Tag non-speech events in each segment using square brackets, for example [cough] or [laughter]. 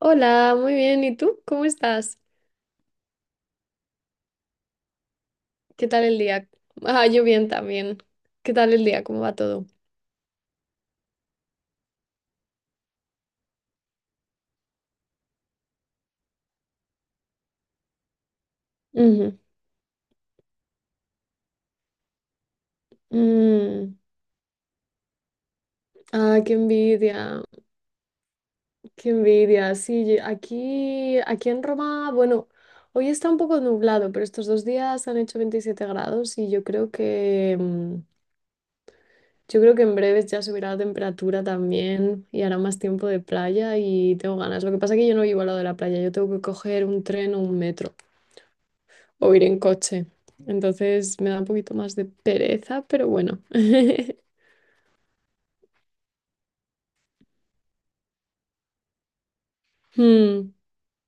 Hola, muy bien. ¿Y tú? ¿Cómo estás? ¿Qué tal el día? Ah, yo bien también. ¿Qué tal el día? ¿Cómo va todo? Ujú. Mm. Ah, qué envidia, qué envidia. Sí, aquí, aquí en Roma, bueno, hoy está un poco nublado, pero estos dos días han hecho 27 grados y yo creo que, yo creo que en breves ya subirá la temperatura también y hará más tiempo de playa y tengo ganas. Lo que pasa es que yo no vivo al lado de la playa, yo tengo que coger un tren o un metro o ir en coche. Entonces me da un poquito más de pereza, pero bueno. [laughs] Mm,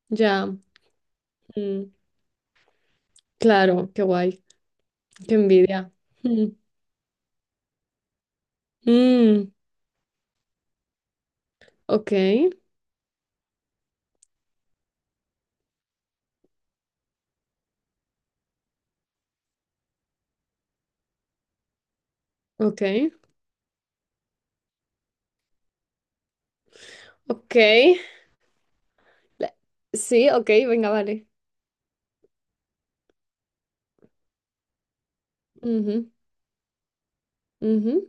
ya, mm, claro, qué guay, qué envidia. Mm, mm, ok, ok, ok. La- Sí, ok, venga, vale. Ujú, ujú.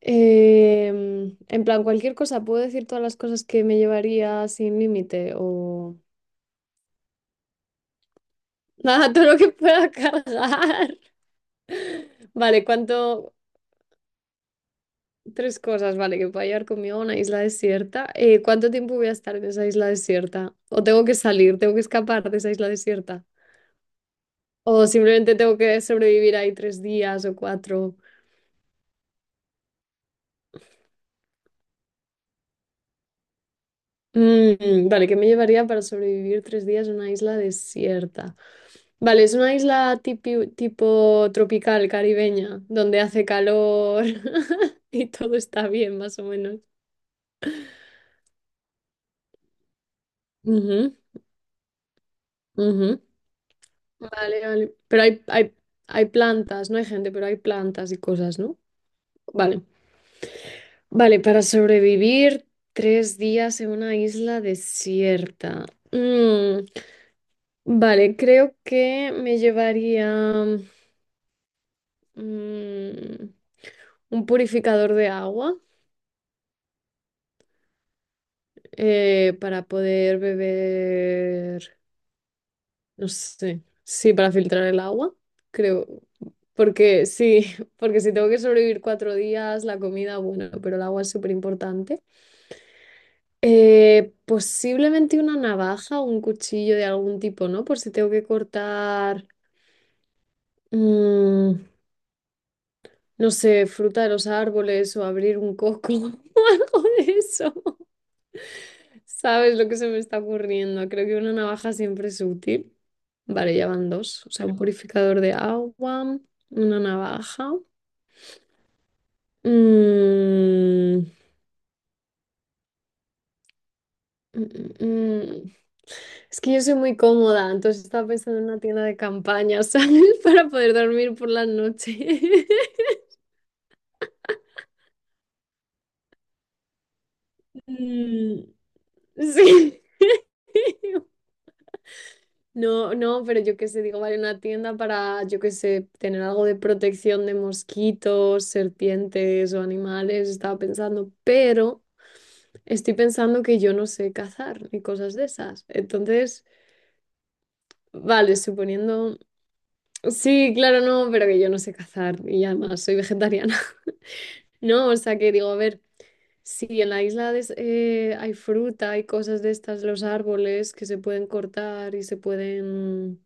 En plan, ¿cualquier cosa, puedo decir todas las cosas que me llevaría sin límite o [laughs] nada, todo lo que pueda cargar? [laughs] Vale, ¿cuánto? Tres cosas, vale, que pueda llevar conmigo a una isla desierta. ¿Cuánto tiempo voy a estar en esa isla desierta? ¿O tengo que salir, tengo que escapar de esa isla desierta? ¿O simplemente tengo que sobrevivir ahí tres días o cuatro? Mm, vale, ¿qué me llevaría para sobrevivir tres días en una isla desierta? Vale, es una isla tipo tropical, caribeña, donde hace calor [laughs] y todo está bien, más o menos. Ujú, ujú. Vale, vale. Pero hay plantas, no hay gente, pero hay plantas y cosas, ¿no? Vale. Vale, para sobrevivir tres días en una isla desierta. Vale, creo que me llevaría mm, un purificador de agua, para poder beber. No sé. Sí, para filtrar el agua, creo. Porque sí, [laughs] porque si tengo que sobrevivir cuatro días, la comida, bueno, pero el agua es súper importante. Posiblemente una navaja o un cuchillo de algún tipo, ¿no? Por si tengo que cortar, mm, no sé, fruta de los árboles o abrir un coco [laughs] o algo de eso. ¿Sabes lo que se me está ocurriendo? Creo que una navaja siempre es útil. Vale, ya van dos. O sea, un purificador de agua, una navaja. Mm, mm, mm, mm. Es que yo soy muy cómoda, entonces estaba pensando en una tienda de campaña, ¿sabes? [laughs] Para poder dormir por la noche. [laughs] Mm. Sí. [laughs] No, no, pero yo qué sé, digo, vale, una tienda para, yo qué sé, tener algo de protección de mosquitos, serpientes o animales, estaba pensando, pero estoy pensando que yo no sé cazar ni cosas de esas. Entonces, vale, suponiendo, sí, claro, no, pero que yo no sé cazar y además soy vegetariana. [laughs] No, o sea que digo, a ver, si en la hay fruta, hay cosas de estas, los árboles que se pueden cortar y se pueden,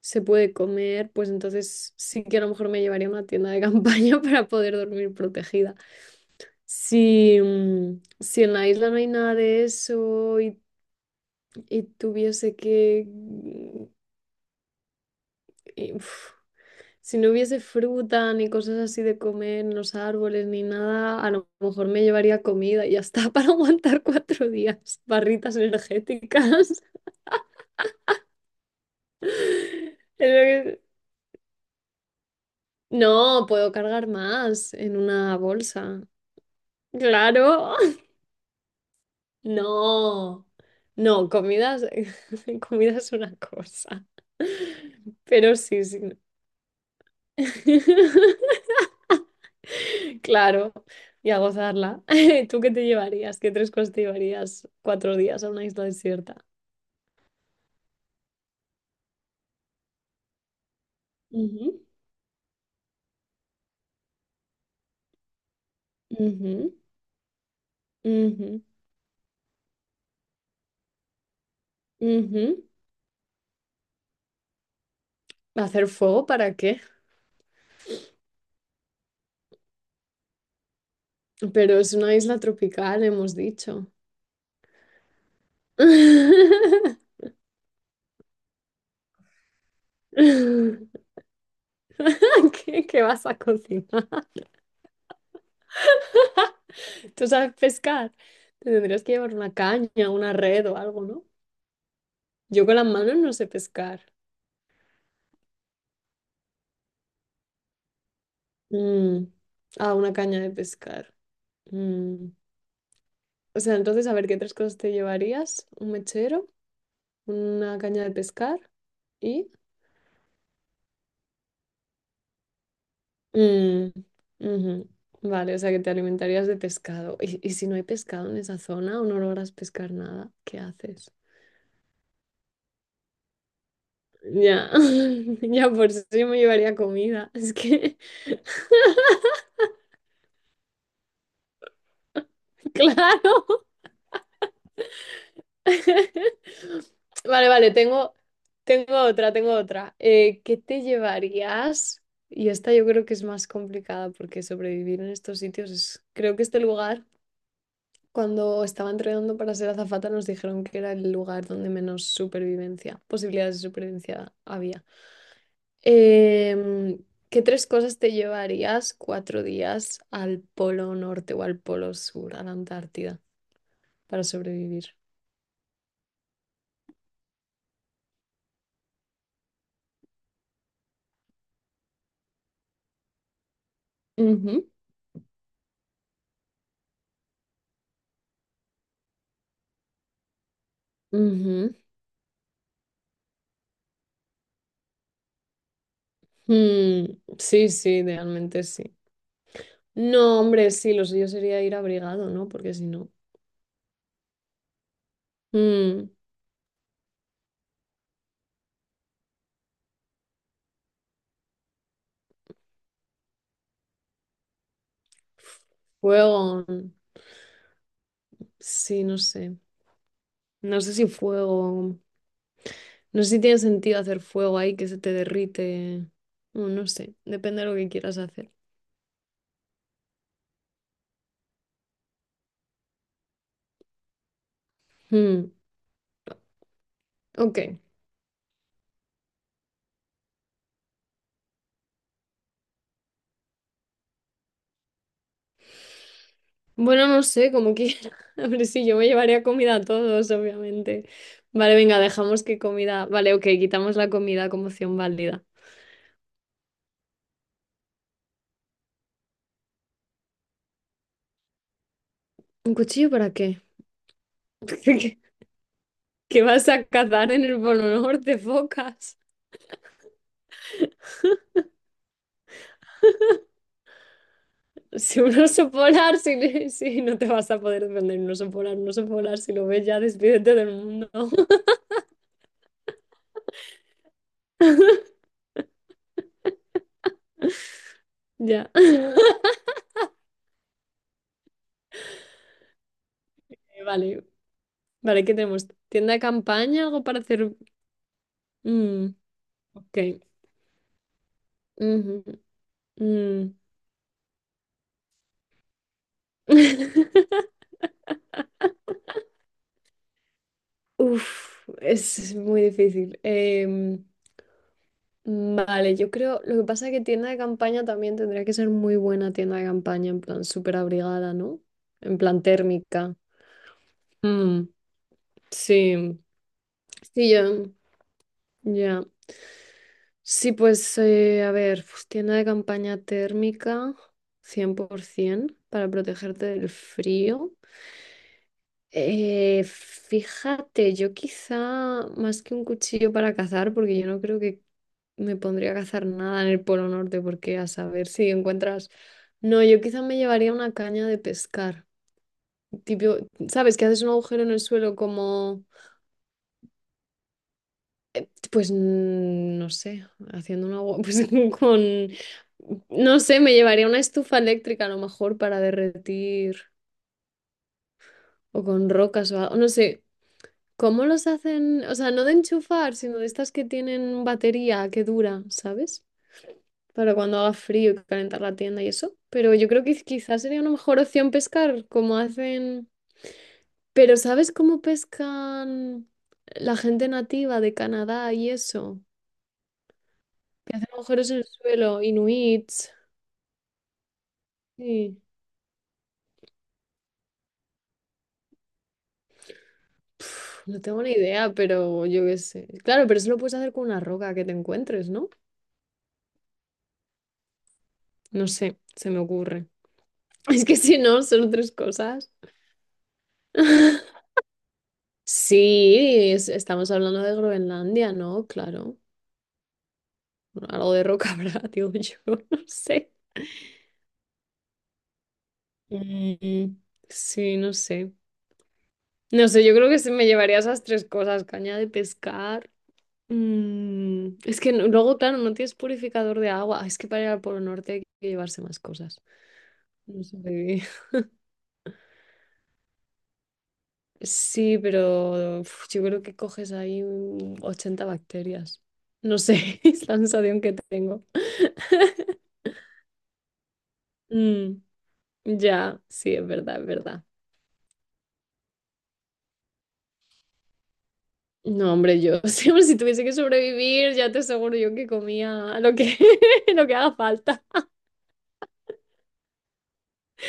se puede comer, pues entonces sí que a lo mejor me llevaría a una tienda de campaña [laughs] para poder dormir protegida. Si, si en la isla no hay nada de eso y tuviese que... y, uf, si no hubiese fruta ni cosas así de comer en los árboles ni nada, a lo mejor me llevaría comida y ya está [laughs] para aguantar cuatro días. Barritas energéticas. [laughs] Es lo que- No, puedo cargar más en una bolsa. Claro. No, no, [laughs] comida es una cosa. Pero sí, sí. [laughs] Claro, y a gozarla. [laughs] ¿Tú qué te llevarías? ¿Qué tres cosas te llevarías cuatro días a una isla desierta? Ujú, ujú, ujú, ujú. ¿Hacer fuego para qué? Pero es una isla tropical, hemos dicho. [laughs] ¿Qué, qué vas a cocinar? [laughs] ¿Tú sabes pescar? Te tendrías que llevar una caña, una red o algo, ¿no? Yo con las manos no sé pescar. Mm. Ah, una caña de pescar. Mm. O sea, entonces, a ver, ¿qué tres cosas te llevarías? Un mechero, una caña de pescar y... Mm, ujú. Vale, o sea, que te alimentarías de pescado. Y si no hay pescado en esa zona o no logras pescar nada, qué haces? Ya, [laughs] ya por si me llevaría comida. Es que, [laughs] claro. [laughs] Vale, vale, tengo tengo otra. ¿Qué te llevarías? Y esta yo creo que es más complicada porque sobrevivir en estos sitios es... Creo que este lugar, cuando estaba entrenando para ser azafata, nos dijeron que era el lugar donde menos supervivencia, posibilidades de supervivencia había. Em, ¿Qué tres cosas te llevarías cuatro días al polo norte o al polo sur, a la Antártida, para sobrevivir? Ujú, ujú. Mm, sí, sí, realmente sí. No, hombre, sí, lo suyo sería ir abrigado, ¿no? Porque si no. Mm, fuego. Sí, no sé. No sé si fuego. No sé si tiene sentido hacer fuego ahí que se te derrite. Mm, no sé. Depende de lo que quieras hacer. Mm, ok. Bueno, no sé, como quieras. [laughs] A ver, sí, yo me llevaría comida a todos, obviamente. Vale, venga, dejamos que comida. Vale, ok, quitamos la comida como opción válida. ¿Un cuchillo para qué? [laughs] ¿Que vas a cazar en el Polo Norte, focas? Si un oso polar, si no te vas a poder defender un oso polar, si lo ves ya, despídete del mundo. [laughs] Ya. [laughs] Vale, vale, ¿qué tenemos? ¿Tienda de campaña? ¿Algo para hacer? Mm, ok. Ujú, mm. [laughs] Uf, es muy difícil. Vale, yo creo, lo que pasa es que tienda de campaña también tendría que ser muy buena tienda de campaña, en plan súper abrigada, ¿no? En plan térmica. Mm, sí, sí, ya, ya. Sí, a ver, pues, tienda de campaña térmica, 100%, para protegerte del frío. Fíjate, yo quizá más que un cuchillo para cazar, porque yo no creo que me pondría a cazar nada en el Polo Norte, porque a saber si encuentras... No, yo quizá me llevaría una caña de pescar. Tipo, ¿sabes? Que haces un agujero en el suelo como... Pues no sé, haciendo un agua, [laughs] pues con... No sé, me llevaría una estufa eléctrica a lo mejor para derretir o con rocas o algo, no sé. ¿Cómo los hacen? O sea, no de enchufar, sino de estas que tienen batería que dura, ¿sabes? Para cuando haga frío y calentar la tienda y eso. Pero yo creo que quizás sería una mejor opción pescar, como hacen... Pero ¿sabes cómo pescan la gente nativa de Canadá y eso? Hacen agujeros en el suelo, inuits. Sí. Pf, no tengo ni idea, pero yo qué sé. Claro, pero eso lo puedes hacer con una roca que te encuentres, ¿no? No sé, se me ocurre. [laughs] Es que si no, son tres cosas. [laughs] Sí, estamos hablando de Groenlandia, ¿no? Claro. Algo de roca habrá, [laughs] digo yo, [laughs] no sé. Mm, sí, no sé. No sé, yo creo que se me llevaría esas tres cosas, caña de pescar. Mm, es que no- luego, claro, no tienes purificador de agua. Ah, es que para ir al Polo Norte hay que llevarse más cosas. No sobreviví. [laughs] Sí, pero uf, yo creo que coges ahí 80 bacterias. No sé, [laughs] es la sensación que tengo. Mm. Ya, sí, es verdad, es verdad. No, hombre, yo [laughs] siempre si tuviese que sobrevivir, ya te aseguro yo que comía lo que, [laughs] lo que haga falta.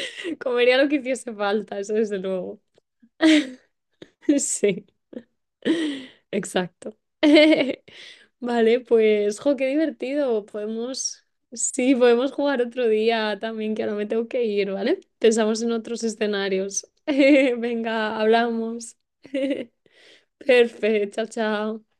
[laughs] Comería lo que hiciese falta, eso desde luego. [laughs] Sí, exacto. [laughs] Vale, pues, jo, qué divertido. Podemos, sí, podemos jugar otro día también, que ahora me tengo que ir, ¿vale? Pensamos en otros escenarios. [laughs] Venga, hablamos. [laughs] Perfecto, chao, chao.